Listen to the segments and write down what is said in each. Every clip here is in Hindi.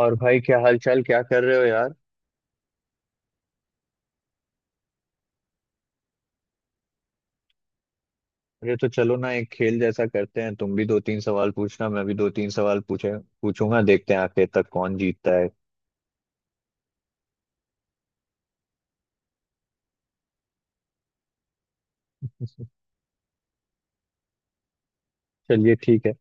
और भाई क्या हाल चाल क्या कर रहे हो यार। अरे तो चलो ना, एक खेल जैसा करते हैं, तुम भी दो तीन सवाल पूछना, मैं भी दो तीन सवाल पूछे पूछूंगा, देखते हैं आखिर तक कौन जीतता है। चलिए ठीक है।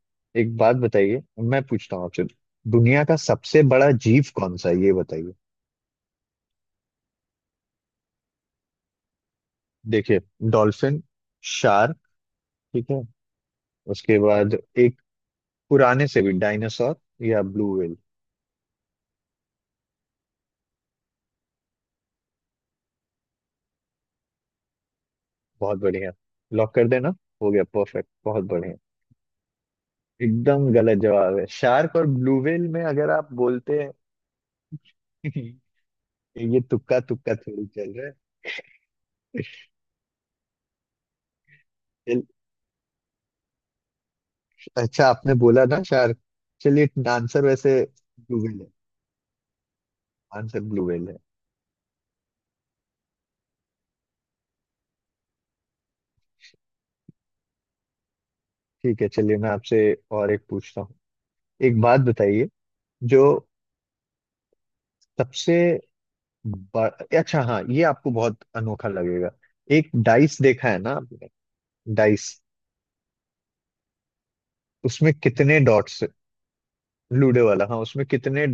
एक बात बताइए, मैं पूछता हूँ आपसे। दुनिया का सबसे बड़ा जीव कौन सा है ये बताइए। देखिए, डॉल्फिन, शार्क, ठीक है, उसके बाद एक पुराने से भी डायनासोर या ब्लू व्हेल। बहुत बढ़िया। लॉक कर देना। हो गया परफेक्ट, बहुत बढ़िया। एकदम गलत जवाब है, शार्क और ब्लू व्हेल में अगर आप बोलते हैं। ये तुक्का तुक्का थोड़ी चल रहा है। चल- अच्छा, आपने बोला ना शार्क। चलिए, आंसर वैसे ब्लू व्हेल है। आंसर ब्लू व्हेल है। ठीक है, चलिए, मैं आपसे और एक पूछता हूँ। एक बात बताइए। जो सबसे बड़ा, अच्छा हाँ, ये आपको बहुत अनोखा लगेगा। एक डाइस देखा है ना आपने? डाइस, उसमें कितने डॉट्स? लूडो वाला, हाँ, उसमें कितने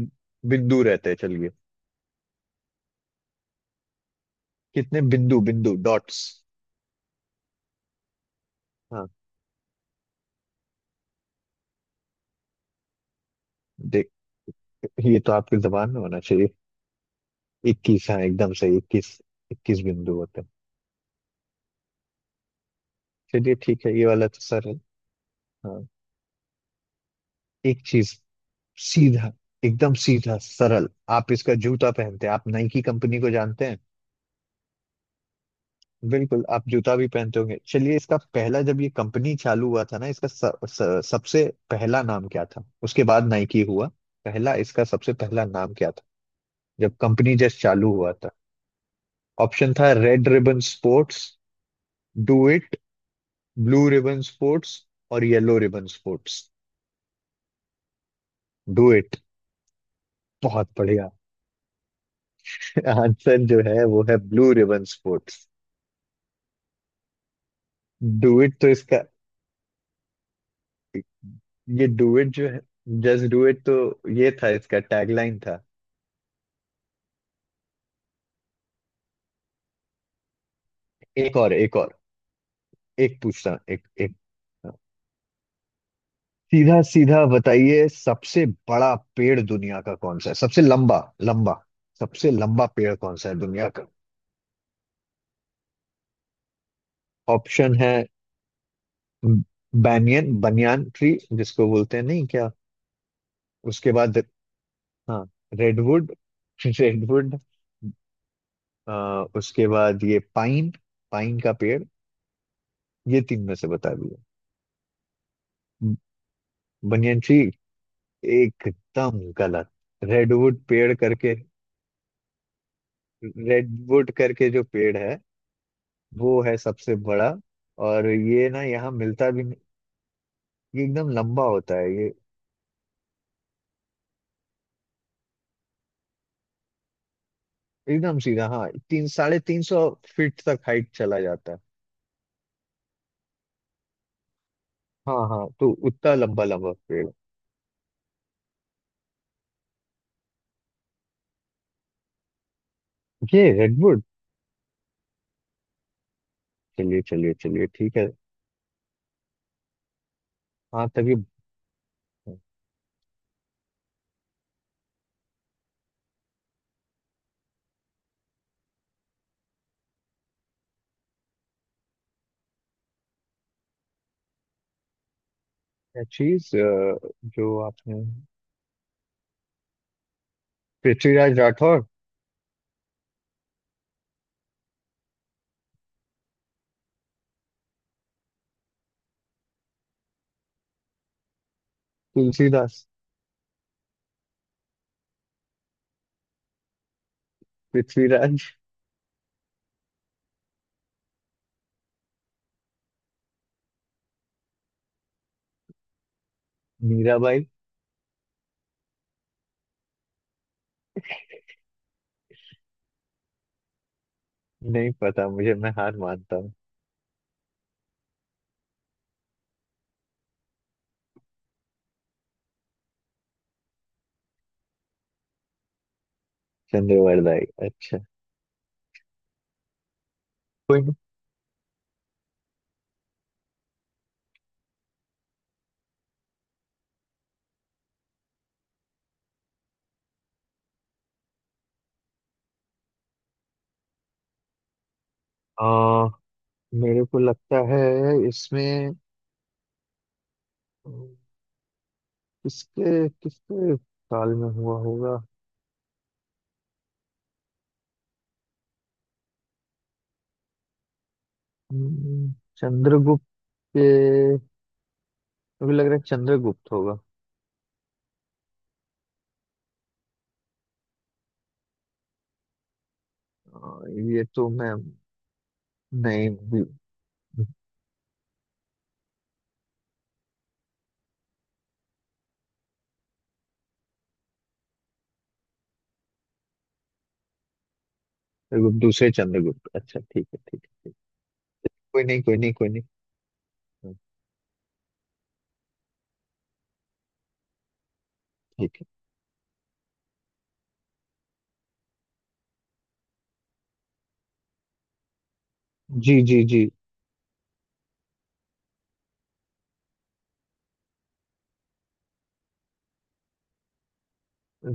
बिंदु रहते हैं? चलिए, कितने बिंदु बिंदु डॉट्स? हाँ। देख, ये तो आपकी जबान में होना चाहिए। 21, हाँ एकदम सही। 21, 21 बिंदु होते हैं। चलिए, ठीक है, ये वाला तो सरल। हाँ। एक चीज सीधा, एकदम सीधा सरल। आप इसका जूता पहनते हैं, आप नाइकी कंपनी को जानते हैं। बिल्कुल, आप जूता भी पहनते होंगे। चलिए, इसका पहला, जब ये कंपनी चालू हुआ था ना, इसका स, स, सबसे पहला नाम क्या था, उसके बाद नाइकी हुआ। पहला, इसका सबसे पहला नाम क्या था जब कंपनी जस्ट चालू हुआ था? ऑप्शन था red ribbon sports, do it, blue ribbon sports, और yellow ribbon sports. Do it, बहुत बढ़िया। आंसर जो है वो है blue ribbon sports. Do it तो इसका, ये डू इट जो है, जस्ट डू इट, तो ये था, इसका टैगलाइन था। एक और, एक और। एक पूछता हूँ, एक एक सीधा सीधा बताइए। सबसे बड़ा पेड़ दुनिया का कौन सा है, सबसे लंबा, लंबा। सबसे लंबा पेड़ कौन सा है दुनिया का? ऑप्शन है बैनियन, बनियान ट्री जिसको बोलते हैं नहीं क्या? उसके बाद, हाँ, रेडवुड, रेडवुड। उसके बाद ये पाइन, पाइन का पेड़। ये तीन में से बता दिया। Banyan tree? एकदम गलत। रेडवुड पेड़ करके, रेडवुड करके जो पेड़ है, वो है सबसे बड़ा। और ये ना यहाँ मिलता भी नहीं। ये एकदम लंबा होता है ये। एकदम सीधा, हाँ, तीन, 350 फीट तक हाइट चला जाता है। हाँ हाँ, तो उतना लंबा लंबा पेड़। ये रेडवुड। चलिए चलिए चलिए, ठीक है। हाँ, तभी। चीज जो आपने, पृथ्वीराज राठौर। तुलसीदास। पृथ्वीराज। मीराबाई। नहीं पता मुझे, मैं हार मानता हूँ। चंद्रवरदाई, अच्छा। कोई नहीं। आ, मेरे को लगता है इसमें अम, किसके किसके साल में हुआ होगा? हम्म, चंद्रगुप्त के, मुझे लग रहा है चंद्रगुप्त होगा। अ, ये तो मैं नहीं। दूसरे चंद्रगुप्त, अच्छा, ठीक है ठीक है। कोई नहीं, कोई नहीं, कोई नहीं। हाँ, ठीक है। जी जी जी।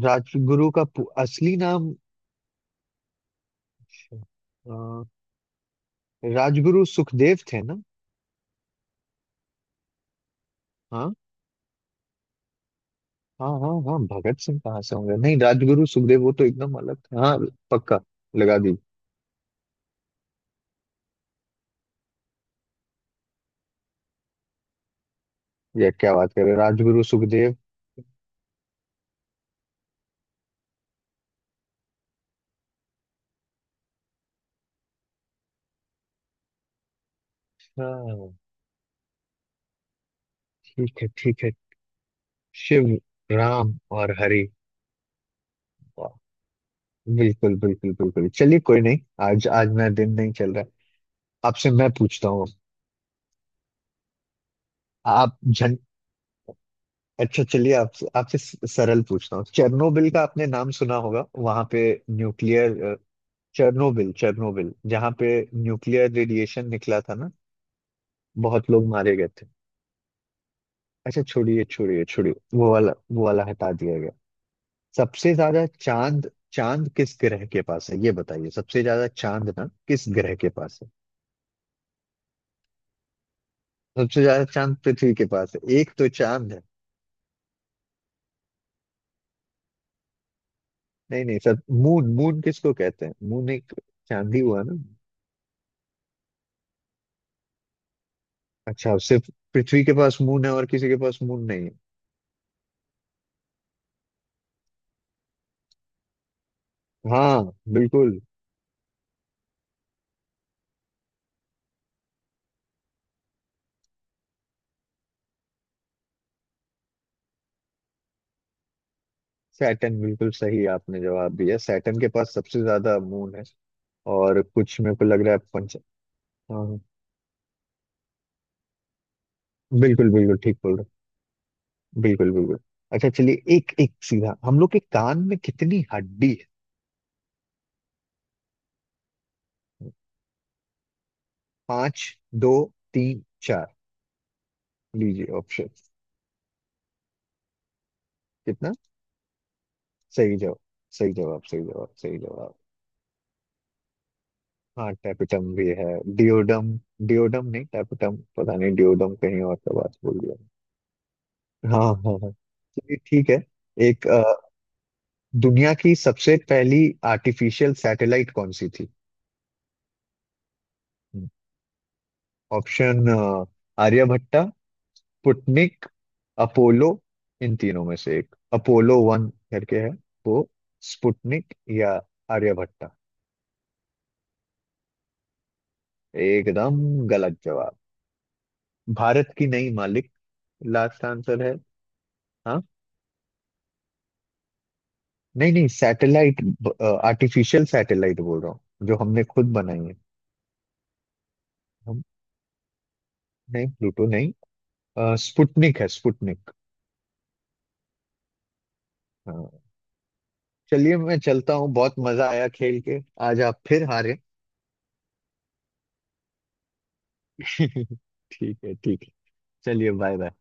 राजगुरु का असली नाम, अच्छा। राजगुरु सुखदेव थे ना? हाँ हाँ हाँ, हाँ भगत सिंह कहाँ से होंगे, नहीं राजगुरु सुखदेव, वो तो एकदम अलग था। हाँ, पक्का, लगा दी। ये क्या बात कर रहे हो? राजगुरु सुखदेव। हाँ, ठीक है ठीक है। शिव, राम और हरि, वाह, बिल्कुल बिल्कुल बिल्कुल। चलिए, कोई नहीं। आज, आज मेरा दिन नहीं चल रहा है। आपसे मैं पूछता हूँ। आप झं, अच्छा चलिए, आप आपसे सरल पूछता हूँ। चेरनोबिल का आपने नाम सुना होगा? वहां पे न्यूक्लियर, चेरनोबिल, चेरनोबिल जहाँ पे न्यूक्लियर रेडिएशन निकला था ना, बहुत लोग मारे गए थे। अच्छा छोड़िए छोड़िए छोड़िए, वो वाला, वो वाला हटा दिया गया। सबसे ज्यादा चांद, चांद किस ग्रह के पास है ये बताइए, सबसे ज्यादा चांद ना किस ग्रह के पास है? सबसे ज्यादा चांद पृथ्वी के पास है, एक तो चांद है। नहीं नहीं, सब मून, मून किसको कहते हैं, मून, एक चांद ही हुआ ना। अच्छा, सिर्फ पृथ्वी के पास मून है और किसी के पास मून नहीं है? हाँ, बिल्कुल। सैटर्न, बिल्कुल सही आपने जवाब दिया, सैटर्न के पास सबसे ज्यादा मून है। और कुछ मेरे को लग रहा है पंच। हाँ हाँ। बिल्कुल बिल्कुल, ठीक बोल रहे हो। बिल्कुल बिल्कुल। अच्छा चलिए, एक एक सीधा, हम लोग के कान में कितनी हड्डी है? पांच, दो, तीन, चार, लीजिए ऑप्शन। कितना? सही जवाब, सही जवाब, सही जवाब, सही जवाब। हाँ, टैपिटम भी है। डिओडम, डिओडम नहीं टैपिटम, पता नहीं डिओडम कहीं और का बात बोल दिया। हाँ हाँ हाँ, चलिए ठीक है। एक, दुनिया की सबसे पहली आर्टिफिशियल सैटेलाइट कौन सी थी? Option, Aryabhata, Sputnik, Apollo. इन तीनों में से एक अपोलो वन करके है, वो स्पुटनिक या आर्यभट्टा। एकदम गलत जवाब। भारत की नई मालिक, लास्ट आंसर है। हाँ? नहीं नहीं सैटेलाइट, आर्टिफिशियल सैटेलाइट बोल रहा हूँ, जो हमने खुद बनाई है। हम नहीं, प्लूटो नहीं, स्पुतनिक है, स्पुतनिक। हाँ। चलिए, मैं चलता हूँ, बहुत मजा आया खेल के। आज आप फिर हारे। ठीक है ठीक है। चलिए, बाय बाय।